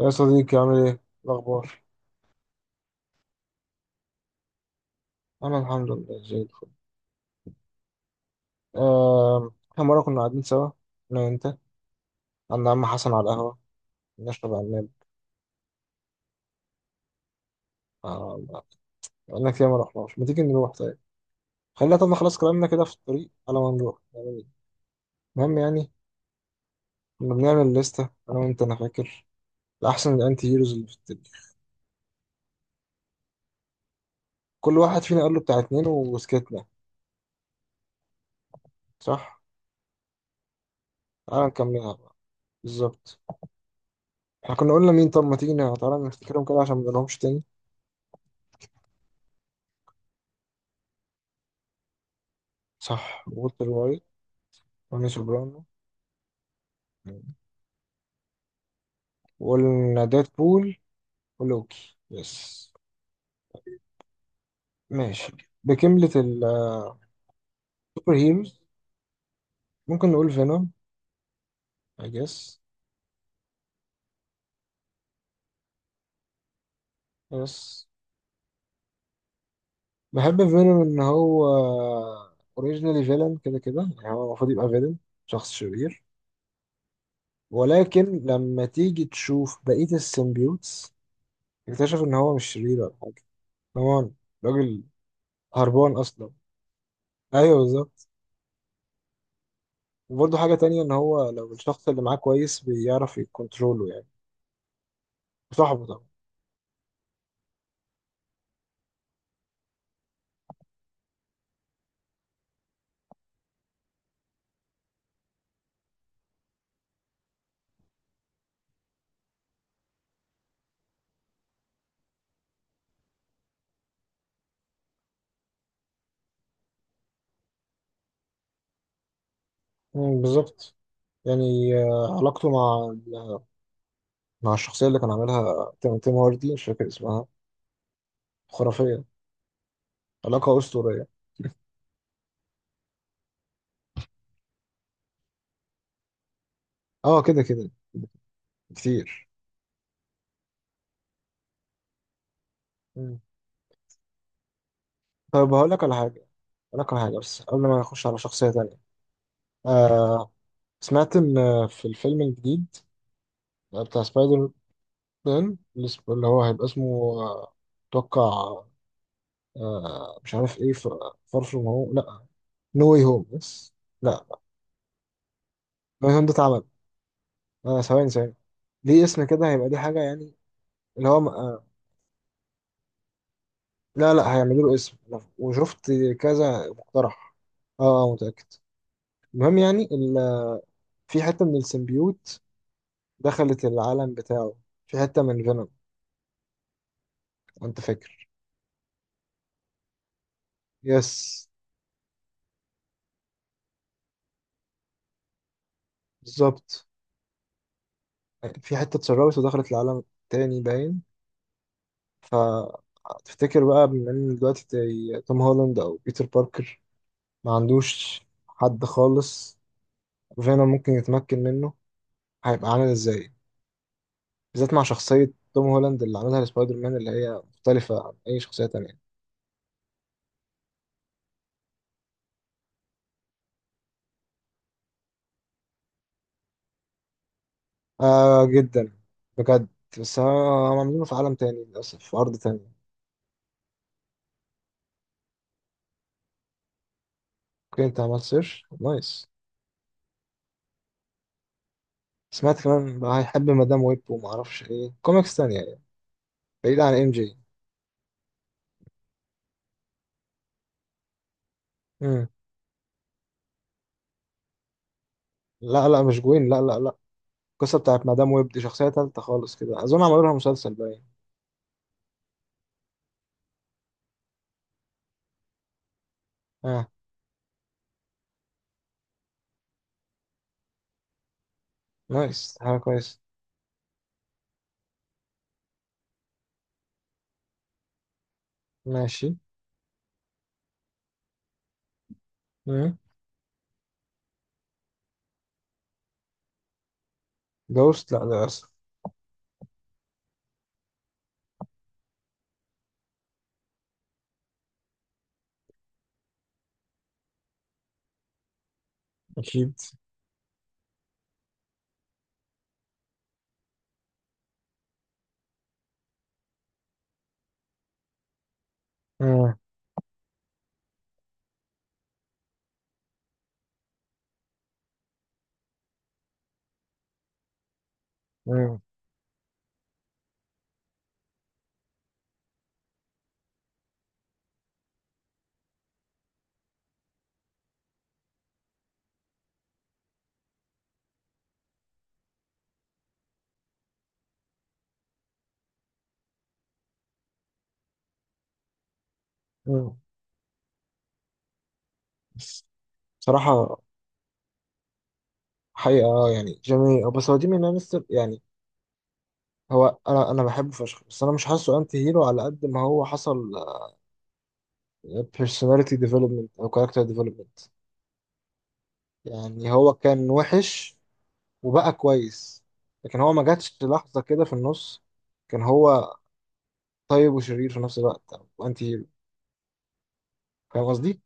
يا صديقي عامل ايه؟ الأخبار؟ أنا الحمد لله زي الفل. إحنا مرة كنا قاعدين سوا أنا وأنت عند عم حسن على القهوة نشرب عناب. آه، بقالنا كتير ما رحناش، ما تيجي نروح طيب؟ خلينا طب نخلص كلامنا كده في الطريق على ما نروح، يعني المهم يعني كنا بنعمل لستة أنا وأنت، أنا فاكر لأحسن الأنتي هيروز اللي في التاريخ، كل واحد فينا قال له بتاع اتنين وسكتنا، صح؟ تعالى نكملها بقى. بالظبط، إحنا كنا قلنا مين، طب ما تيجي تعالى نفتكرهم كده عشان ما نقولهمش تاني. صح، وولتر وايت، رامي سوبرانو. وقلنا بول ولوكي، يس. ماشي، بكملة السوبر هيروز. ممكن نقول فينوم، I guess. يس. بحب فينوم إن هو اوريجينالي فيلن كده كده، يعني هو المفروض يبقى فيلن، شخص شرير، ولكن لما تيجي تشوف بقية السيمبيوتس اكتشف إن هو مش شرير ولا حاجة. كمان راجل هربان أصلا. أيوه، بالظبط. وبرضه حاجة تانية إن هو لو الشخص اللي معاه كويس بيعرف يكونترولو، يعني صاحبه طبعا. مم، بالظبط. يعني علاقته مع الشخصية اللي كان عاملها تيم هاردي، مش فاكر اسمها، خرافية، علاقة أسطورية. اه كده كده كتير. مم. طيب هقول لك على حاجة، بس قبل ما نخش على شخصية تانية. آه سمعت إن في الفيلم الجديد بتاع سبايدر مان اللي هو هيبقى اسمه آه، أتوقع مش عارف إيه، فار فروم هوم؟ لأ، نو واي هوم. بس لأ، نو واي هوم ده اتعمل. ثواني ثواني، ليه اسم كده، هيبقى ليه حاجة يعني. اللي هو لا لا هيعملوا له اسم، وشفت كذا مقترح. اه متأكد. المهم يعني في حتة من السيمبيوت دخلت العالم بتاعه، في حتة من فينوم، انت فاكر؟ يس. بالظبط. في حتة اتسربت ودخلت العالم تاني، باين. فتفتكر بقى، بما ان دلوقتي زي توم هولاند او بيتر باركر ما عندوش حد خالص، فينوم ممكن يتمكن منه، هيبقى عامل ازاي؟ بالذات مع شخصية توم هولاند اللي عملها لسبايدر مان اللي هي مختلفة عن أي شخصية تانية. آه جدا، بجد. بس أنا عاملينه في عالم تاني للاسف، في ارض تانية. اوكي، انت عملت سيرش، نايس. سمعت كمان بقى هيحب مدام ويب وما اعرفش ايه كوميكس تانية يعني، بعيد عن ام جي. مم. لا لا، مش جوين، لا لا لا. القصة بتاعت مدام ويب دي شخصية تالتة خالص كده، أظن عملوا لها مسلسل، باين. اه، نايس، حاجة كويس. ماشي. مم. جوست، لا للأسف. أكيد. مم. مم. مم. بس بصراحة، حقيقة يعني جميل، بس هو جيمي لانستر يعني. هو انا، بحبه فشخ، بس انا مش حاسه انتي هيرو على قد ما هو حصل personality development او character development. يعني هو كان وحش وبقى كويس، لكن هو ما جاتش لحظة كده في النص كان هو طيب وشرير في نفس الوقت او انتي هيرو، فاهم قصدي؟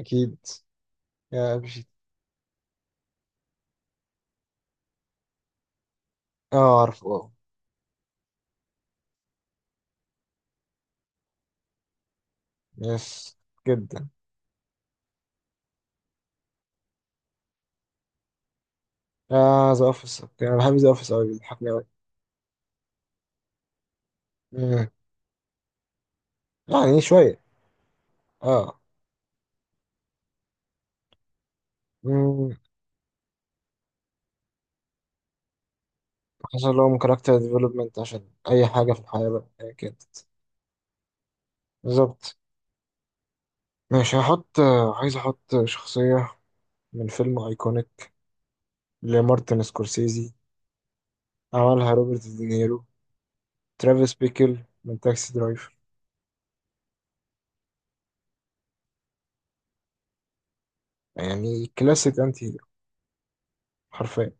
اكيد. يا بشي. اه، عارفه، اه. يس، جدا. اه، ذا اوفيس، انا بحب ذا اوفيس قوي، بيضحكني قوي. يعني شوية، اه. حصل لهم كاركتر ديفلوبمنت، عشان أي حاجة في الحياة بقى هي كده. بالظبط. ماشي، هحط، عايز أحط شخصية من فيلم أيكونيك لمارتن سكورسيزي، عملها روبرت دينيرو، ترافيس بيكل من تاكسي درايفر. يعني كلاسيك أنتي هيرو، حرفيا.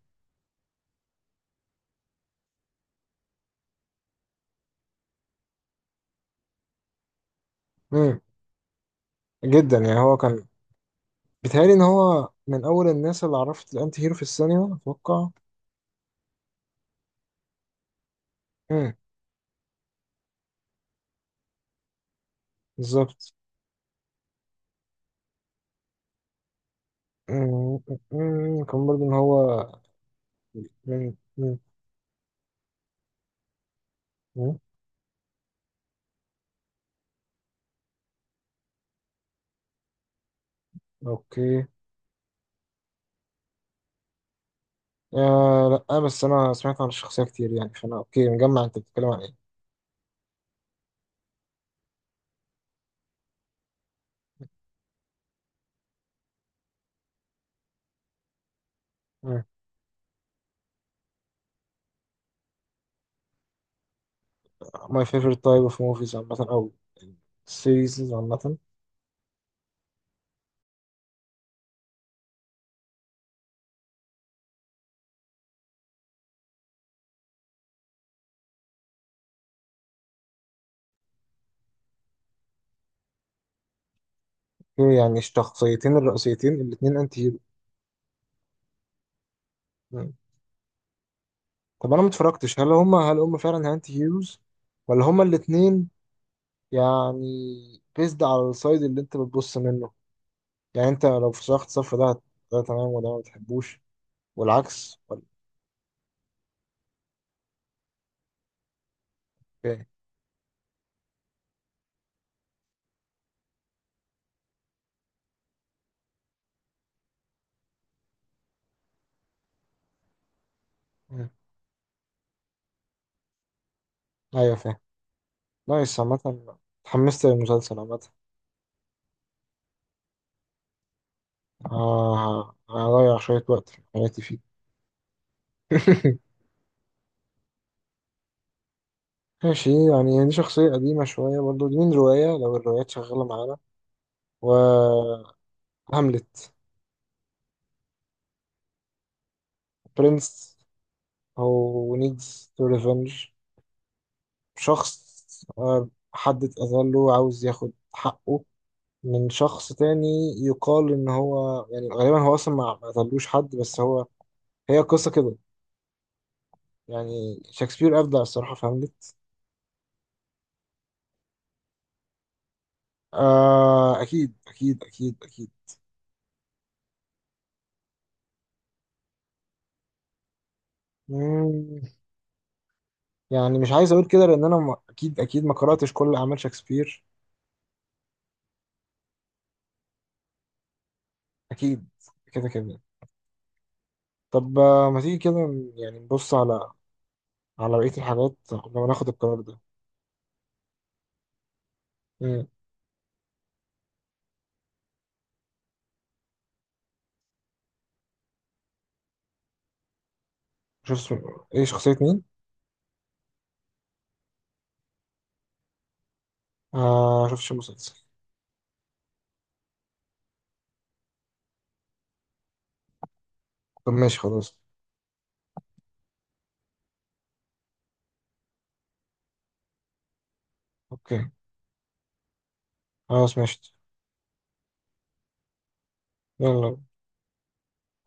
مم. جدا. يعني هو كان بيتهيألي إن هو من أول الناس اللي عرفت الأنتي هيرو في السينما، أتوقع. مم. بالظبط. مم. مم. كان برضه إن هو من مم. مم. أوكي. آه لا، بس انا سمعت عن الشخصيه كتير يعني، فانا اوكي، مجمع انت بتتكلم عن ايه. مم. ماي فيفورت تايب اوف موفيز عامه، او سيريز عامه. هي يعني الشخصيتين الرئيسيتين الاثنين انتي هيرو. مم. طب انا ما اتفرجتش، هل هم فعلا انتي هيروز ولا هم الاثنين يعني بيزد على السايد اللي انت بتبص منه؟ يعني انت لو في شخص الصف ده ده تمام، وده ما بتحبوش، والعكس ولا ايه؟ مم. ايوه، فاهم. نايس عامه. اتحمست للمسلسل عامه. آه، هضيع شوية وقت في حياتي فيه. ماشي. يعني دي شخصية قديمة شوية برضو، دي من رواية لو الروايات شغالة معانا، وهاملت. برنس. هو needs to revenge، شخص حد اتأذى له، عاوز ياخد حقه من شخص تاني. يقال إن هو يعني غالبا هو أصلا ما قتلوش حد، بس هو، هي قصة كده. يعني شكسبير أبدع الصراحة في هاملت. آه، أكيد أكيد أكيد. أكيد، يعني مش عايز اقول كده لان انا اكيد اكيد ما قراتش كل اعمال شكسبير. اكيد، كده كده. طب ما تيجي كده يعني نبص على بقيه الحاجات لما ناخد القرار ده. امم شوف اسم- ايه شخصيه مين؟ آه شوفش المسلسل. طب ماشي، خلاص. اوكي، خلاص، ماشي، يلا.